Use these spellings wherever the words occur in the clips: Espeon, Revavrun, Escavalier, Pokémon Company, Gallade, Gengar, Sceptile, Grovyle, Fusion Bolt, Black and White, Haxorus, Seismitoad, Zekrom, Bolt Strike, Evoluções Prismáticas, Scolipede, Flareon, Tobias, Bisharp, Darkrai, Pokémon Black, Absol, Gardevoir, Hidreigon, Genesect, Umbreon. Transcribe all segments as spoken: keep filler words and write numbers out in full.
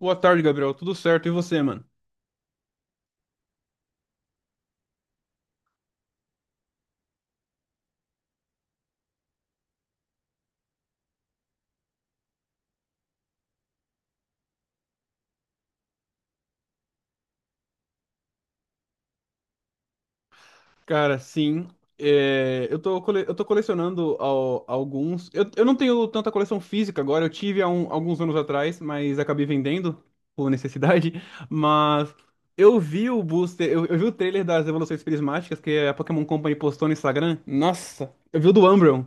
Boa tarde, Gabriel. Tudo certo? E você, mano? Cara, sim. É, eu tô, cole- eu tô colecionando al- alguns. Eu, eu não tenho tanta coleção física agora. Eu tive há um- alguns anos atrás, mas acabei vendendo por necessidade. Mas eu vi o booster, eu, eu vi o trailer das Evoluções Prismáticas que a Pokémon Company postou no Instagram. Nossa, eu vi o do Umbreon.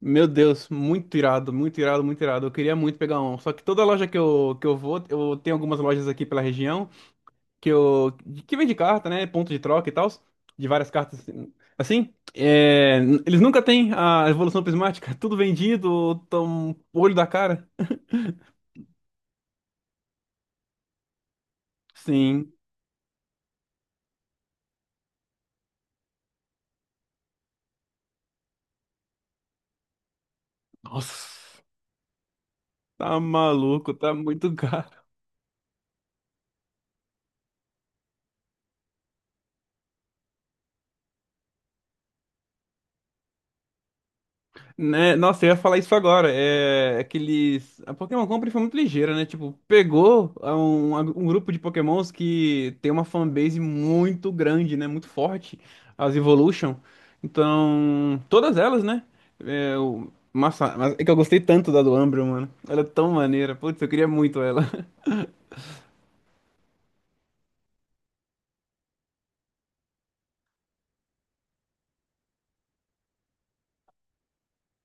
Meu Deus, muito irado, muito irado, muito irado. Eu queria muito pegar um. Só que toda loja que eu, que eu vou, eu tenho algumas lojas aqui pela região que eu que vende carta, né? Ponto de troca e tal, de várias cartas assim. É, n- eles nunca têm a evolução prismática, tudo vendido, tão olho da cara. Sim. Nossa, tá maluco, tá muito caro. Né? Nossa, eu ia falar isso agora. É aqueles. A Pokémon Company foi muito ligeira, né? Tipo, pegou a um, a um grupo de Pokémons que tem uma fanbase muito grande, né? Muito forte. As Evolution. Então, todas elas, né? É, o... Massa. Mas é que eu gostei tanto da do Umbreon, mano. Ela é tão maneira. Putz, eu queria muito ela.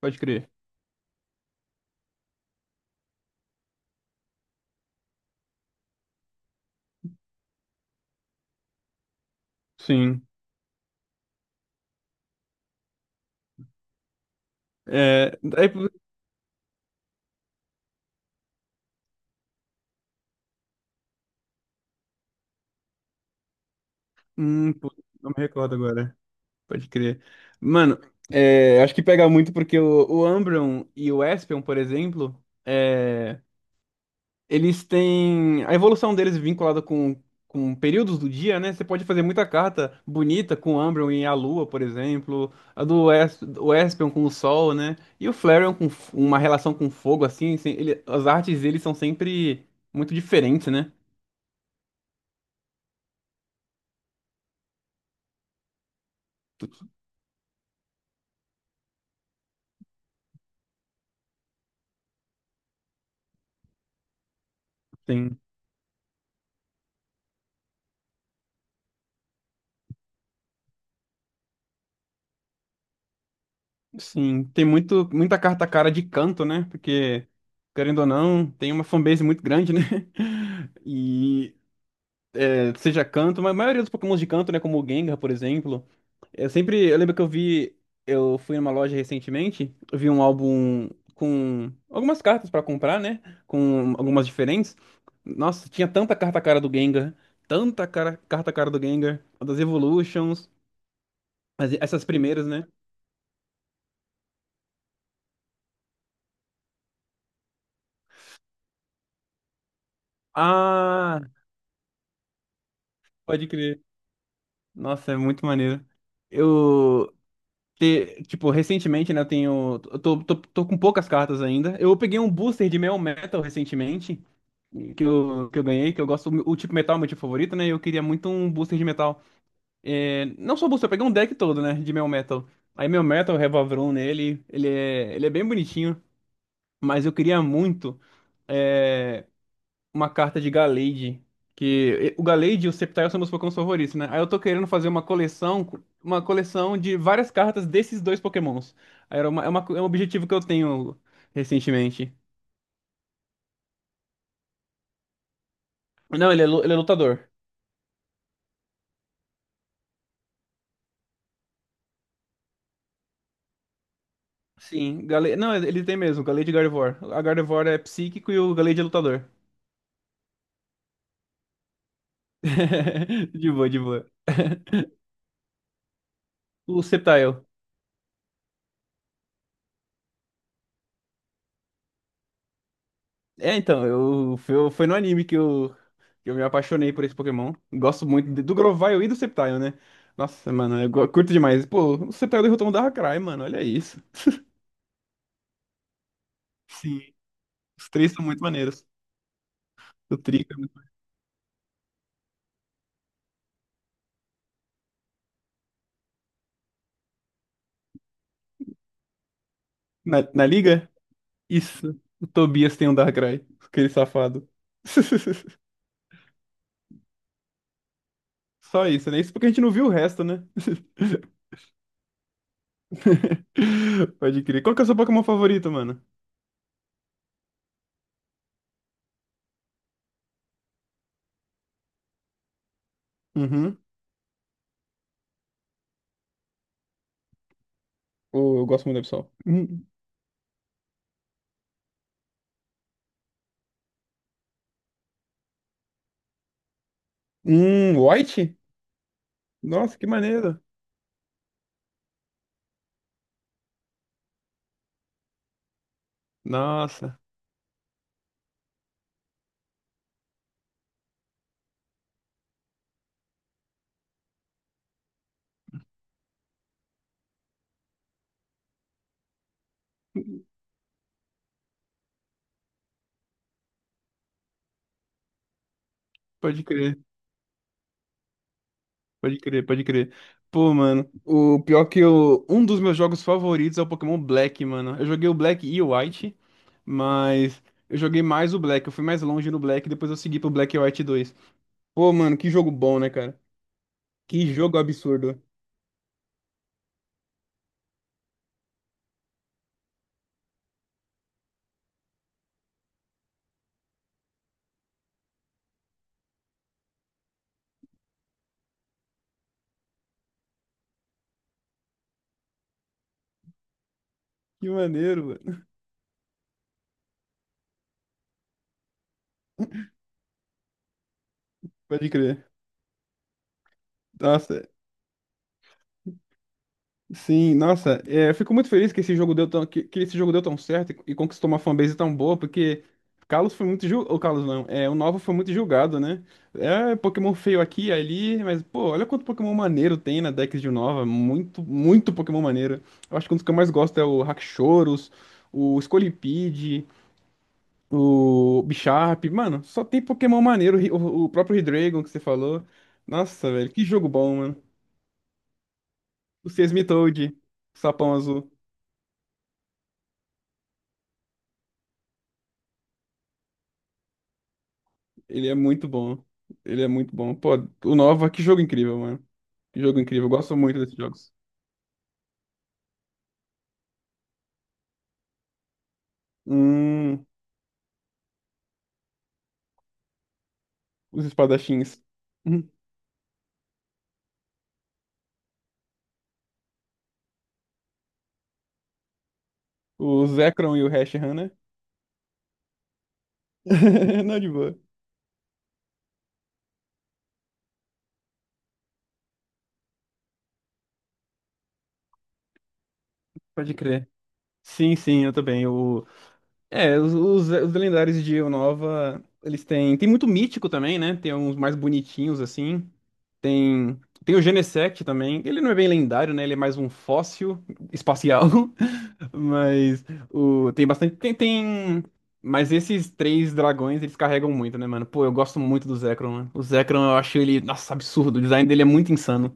Pode crer. Sim. É... Aí... Hum, putz, não me recordo agora. Pode crer. Mano, é, acho que pega muito porque o, o Umbreon e o Espeon, por exemplo, é, eles têm a evolução deles vinculada com, com períodos do dia, né? Você pode fazer muita carta bonita com o Umbreon e a Lua, por exemplo. A do Es- o Espeon com o Sol, né? E o Flareon com f- uma relação com fogo, assim. Sem- ele- as artes deles são sempre muito diferentes, né? Sim, tem muito, muita carta cara de canto, né? Porque, querendo ou não, tem uma fanbase muito grande, né? E é, seja canto, mas a maioria dos Pokémons de canto, né? Como o Gengar, por exemplo. Eu sempre. Eu lembro que eu vi. Eu fui numa loja recentemente, eu vi um álbum com algumas cartas pra comprar, né? Com algumas diferentes. Nossa, tinha tanta carta cara do Gengar, tanta cara, carta cara do Gengar, das Evolutions, as- essas primeiras, né? Ah, pode crer. Nossa, é muito maneiro. Eu, te- tipo, recentemente, né, eu tenho, eu tô, tô, tô com poucas cartas ainda. Eu peguei um booster de Metal Metal recentemente, que eu, que eu ganhei, que eu gosto, o tipo metal é meu tipo favorito, né, e eu queria muito um booster de metal. É, não só booster, eu peguei um deck todo, né, de Metal Metal. Aí Metal Metal, Revavrun nele, ele é, ele é bem bonitinho, mas eu queria muito uma carta de Gallade. Que o Gallade e o Sceptile são meus Pokémons favoritos, né? Aí eu tô querendo fazer uma coleção, uma coleção de várias cartas desses dois Pokémons. Aí era uma- é, Uma é um objetivo que eu tenho recentemente. Não, ele é, lu- ele é lutador. Sim, Gallade, não, ele tem mesmo, Gallade e Gardevoir. A Gardevoir é psíquico e o Gallade é lutador. De boa, de boa. O Sceptile. É, então, eu, foi, foi no anime que eu, que eu me apaixonei por esse Pokémon. Gosto muito de- do Grovyle e do Sceptile, né? Nossa, mano, eu go- curto demais. Pô, o Sceptile derrotou um Darkrai, mano, olha isso. Sim, os três são muito maneiros. O Trico é muito. Na, na liga? Isso. O Tobias tem um Darkrai, aquele safado. Só isso, né? Isso porque a gente não viu o resto, né? Pode crer. Qual que é o seu Pokémon favorito, mano? Uhum. Oh, eu gosto muito do Absol. Hum, hum, White? Nossa, que maneiro. Nossa, pode crer, pode crer, pode crer. Pô, mano, o pior que eu. Um dos meus jogos favoritos é o Pokémon Black, mano. Eu joguei o Black e o White, mas eu joguei mais o Black. Eu fui mais longe no Black, depois eu segui pro Black e White dois. Pô, mano, que jogo bom, né, cara? Que jogo absurdo. Que maneiro, mano. Pode crer. Nossa, sim, nossa, é, eu fico muito feliz que esse jogo deu tão, que, que esse jogo deu tão certo e e conquistou uma fanbase tão boa, porque Carlos foi muito julgado, o Carlos não, é, o Nova foi muito julgado, né? É Pokémon feio aqui e ali, mas pô, olha quanto Pokémon maneiro tem na Dex de Nova, muito, muito Pokémon maneiro. Eu acho que um dos que eu mais gosto é o Haxorus, o Scolipede, o Bisharp, mano, só tem Pokémon maneiro, o, Hi- o o próprio Hidreigon que você falou. Nossa, velho, que jogo bom, mano. O Seismitoad, o sapão azul. Ele é muito bom. Ele é muito bom. Pô, o Nova, que jogo incrível, mano. Que jogo incrível. Eu gosto muito desses jogos. Hum, os espadachins. Hum. O Zekrom e o Hashan, né? Não, de boa. Pode crer. Sim, sim, eu também. O... É, os, os, os lendários de Nova, eles têm. Tem muito mítico também, né? Tem uns mais bonitinhos, assim. Tem, tem o Genesect também. Ele não é bem lendário, né? Ele é mais um fóssil espacial. Mas o, tem bastante. Tem, tem. Mas esses três dragões, eles carregam muito, né, mano? Pô, eu gosto muito do Zekrom, né? O Zekrom, eu acho ele. Nossa, absurdo. O design dele é muito insano.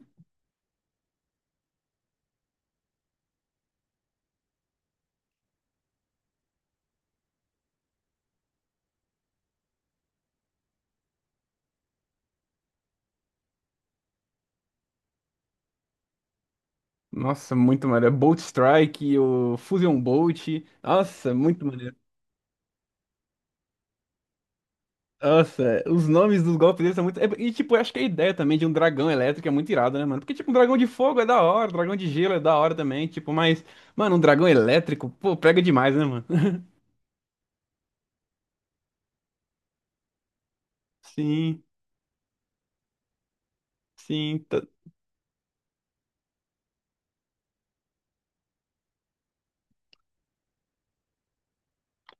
Nossa, muito maneiro. Bolt Strike, o Fusion Bolt. Nossa, muito maneiro. Nossa, os nomes dos golpes deles são muito. É, E, tipo, eu acho que a ideia também de um dragão elétrico é muito irada, né, mano? Porque, tipo, um dragão de fogo é da hora, um dragão de gelo é da hora também, tipo, mas, mano, um dragão elétrico, pô, pega demais, né, mano? Sim, sim. tá-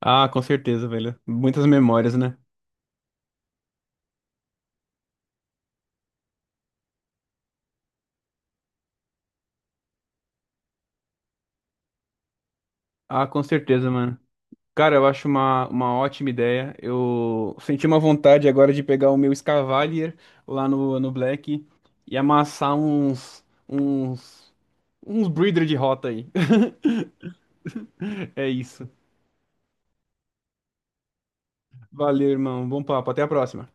Ah, com certeza, velho. Muitas memórias, né? Ah, com certeza, mano. Cara, eu acho uma, uma ótima ideia. Eu senti uma vontade agora de pegar o meu Escavalier lá no, no Black e amassar uns, uns, uns Breeder de rota aí. É isso. Valeu, irmão. Bom papo. Até a próxima.